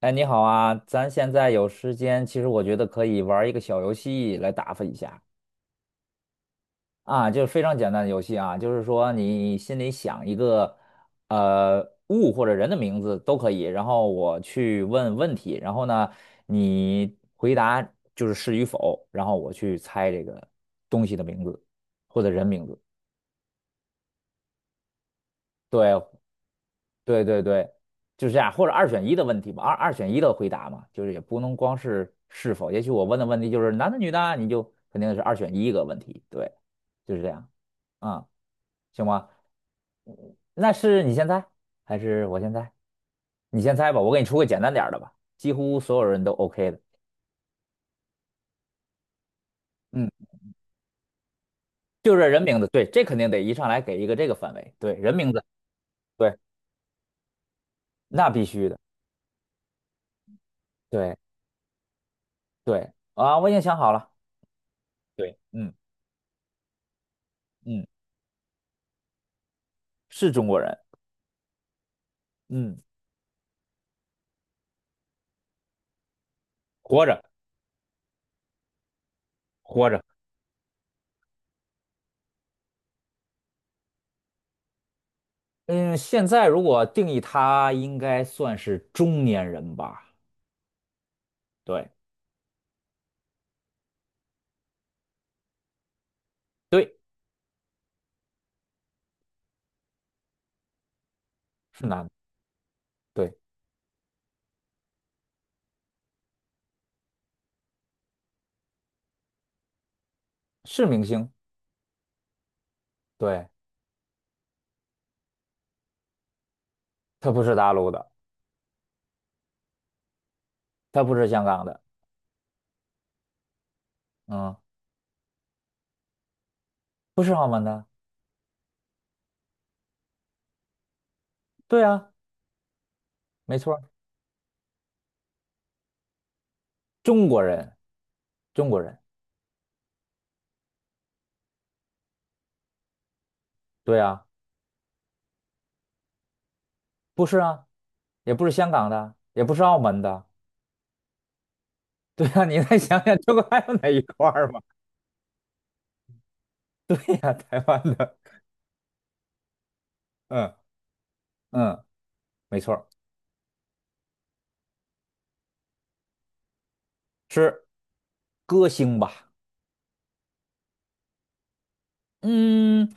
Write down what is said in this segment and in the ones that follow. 哎，你好啊，咱现在有时间，其实我觉得可以玩一个小游戏来打发一下啊，就是非常简单的游戏啊，就是说你心里想一个物或者人的名字都可以，然后我去问问题，然后呢你回答就是是与否，然后我去猜这个东西的名字或者人名字，对，对，就是这样，或者二选一的问题吧，二选一的回答嘛，就是也不能光是是否，也许我问的问题就是男的女的啊，你就肯定是二选一个问题，对，就是这样，啊、行吗？那是你先猜还是我先猜？你先猜吧，我给你出个简单点儿的吧，几乎所有人都 OK 的。嗯，就是人名字，对，这肯定得一上来给一个这个范围，对，人名字，对，那必须的，对对，啊，我已经想好了，对，嗯嗯，是中国人，嗯，活着。活着。嗯，现在如果定义他，应该算是中年人吧？对，对，是男的，对，是明星，对，他不是大陆的，他不是香港的，嗯，不是澳门的，对啊，没错儿，中国人，中国人，对啊，不是啊，也不是香港的，也不是澳门的，对啊，你再想想，中国还有哪一块儿吧？对呀，台湾的，嗯嗯，没错儿，是歌星吧？嗯，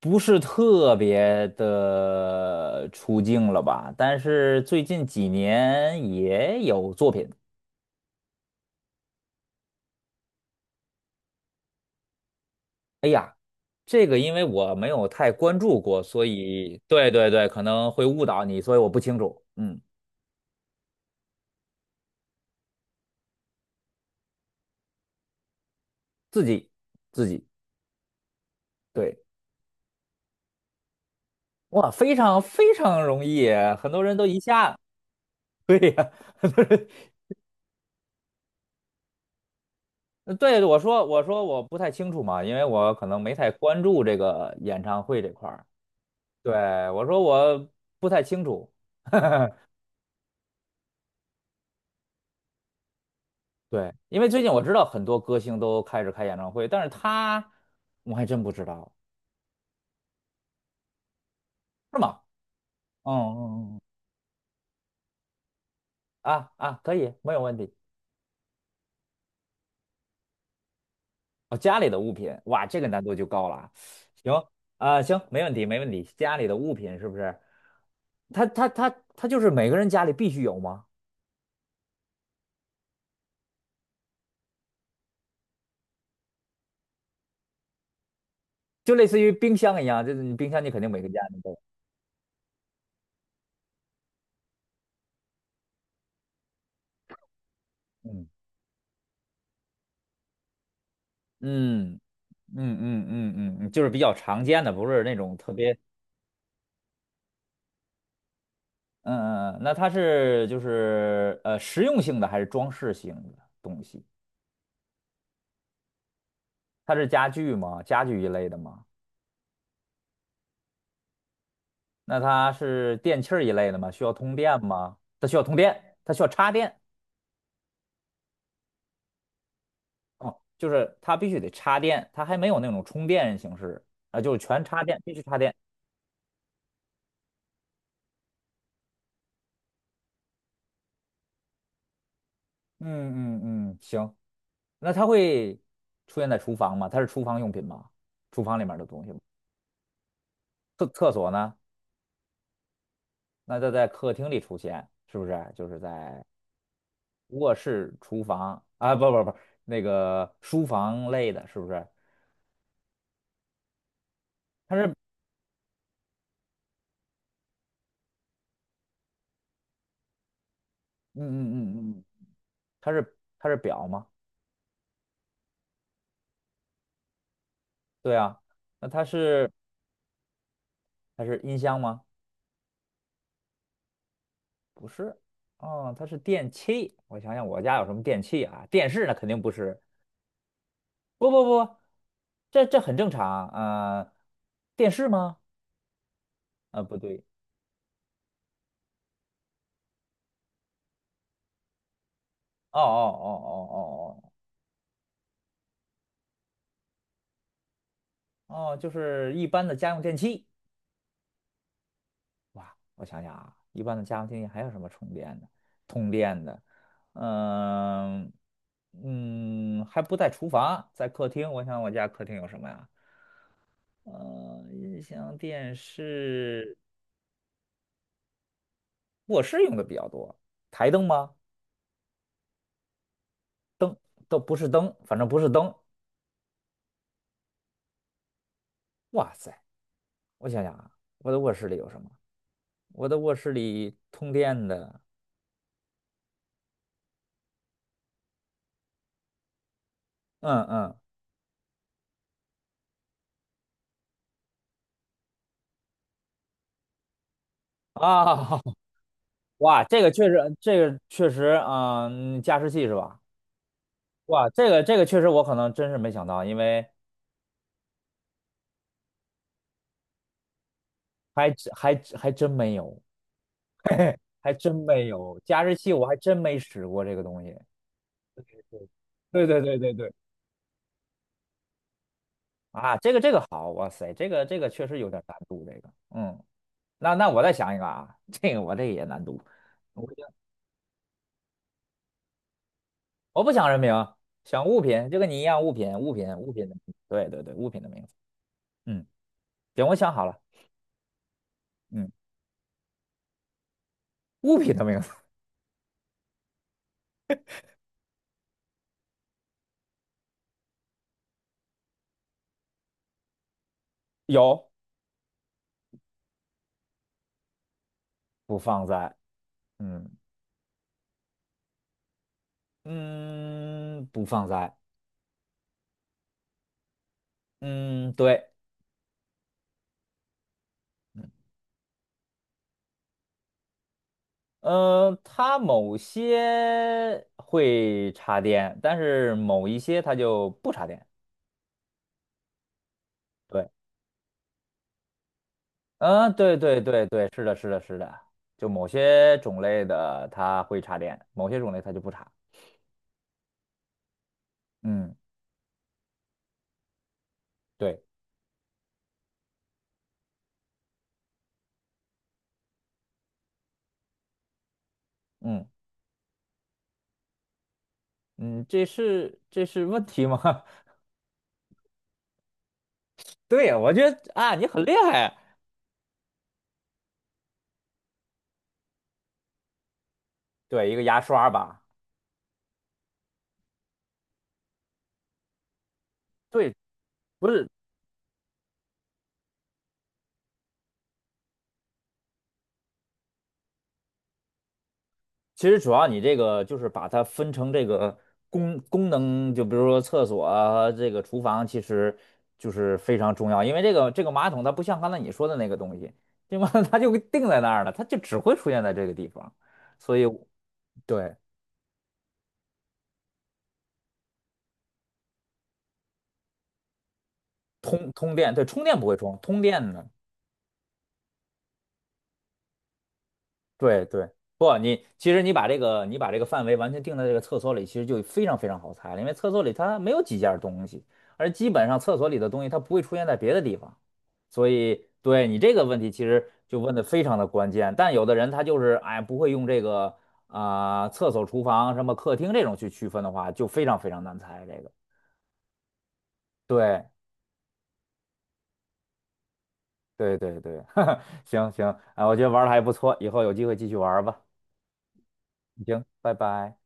不是特别的出镜了吧？但是最近几年也有作品。哎呀，这个因为我没有太关注过，所以对，可能会误导你，所以我不清楚。嗯，自己自己，对，哇，非常非常容易，很多人都一下。对呀，很多人对，我说我不太清楚嘛，因为我可能没太关注这个演唱会这块儿。对，我说我不太清楚。对，因为最近我知道很多歌星都开始开演唱会，但是他我还真不知道，是吗？嗯，啊，可以，没有问题。哦，家里的物品，哇，这个难度就高了啊。行啊，行，没问题，没问题。家里的物品是不是？他他就是每个人家里必须有吗？就类似于冰箱一样，就是你冰箱你肯定每个家里都有。嗯嗯嗯，嗯就是比较常见的，不是那种特别。嗯嗯，嗯那它是就是实用性的还是装饰性的东西？它是家具吗？家具一类的吗？那它是电器儿一类的吗？需要通电吗？它需要通电，它需要插电，哦，就是它必须得插电，它还没有那种充电形式啊，就是全插电，必须插电。嗯嗯嗯，行，那它会出现在厨房吗？它是厨房用品吗？厨房里面的东西吗？厕所呢？那它在客厅里出现，是不是？就是在卧室、厨房啊，不，那个书房类的，是不是？它是，嗯，它是表吗？对啊，那它是它是音箱吗？不是，哦，它是电器。我想想，我家有什么电器啊？电视那肯定不是，不，这这很正常啊，电视吗？啊，不对，哦哦哦哦，哦，就是一般的家用电器。哇，我想想啊，一般的家用电器还有什么充电的、通电的？嗯嗯，还不在厨房，在客厅。我想我家客厅有什么呀？呃，音箱、电视、卧室用的比较多。台灯吗？灯都不是灯，反正不是灯。哇塞，我想想啊，我的卧室里有什么？我的卧室里通电的，嗯嗯啊。哇，这个确实，这个确实啊，嗯加湿器是吧？哇，这个这个确实我可能真是没想到，因为还真还真还真没有，还真没有加湿器，我还真没使过这个东西。对，啊，这个这个好，哇塞，这个这个确实有点难度，这个，嗯，那那我再想一个啊，这个我这个也难度，我不想我不想人名，想物品，就跟你一样，物品的名字，对，物品的名字，嗯，行，我想好了，嗯，物品的名字有，不放在，嗯嗯，不放在。嗯，对，嗯，它某些会插电，但是某一些它就不插电。对，嗯，对，是的，是的，是的，就某些种类的它会插电，某些种类它就不插。嗯，对，嗯嗯，这是这是问题吗？对，我觉得啊，你很厉害啊。对，一个牙刷吧。对，不是其实主要你这个就是把它分成这个功能，就比如说厕所啊，这个厨房，其实就是非常重要，因为这个这个马桶它不像刚才你说的那个东西，对吗？它就定在那儿了，它就只会出现在这个地方，所以对通通电，对充电不会充，通电呢，对对，不，你其实你把这个范围完全定在这个厕所里，其实就非常非常好猜了，因为厕所里它没有几件东西，而基本上厕所里的东西它不会出现在别的地方。所以对你这个问题其实就问的非常的关键。但有的人他就是哎不会用这个啊、厕所、厨房、什么客厅这种去区分的话，就非常非常难猜这个。对对，行行，啊，我觉得玩的还不错，以后有机会继续玩儿吧。行，拜拜。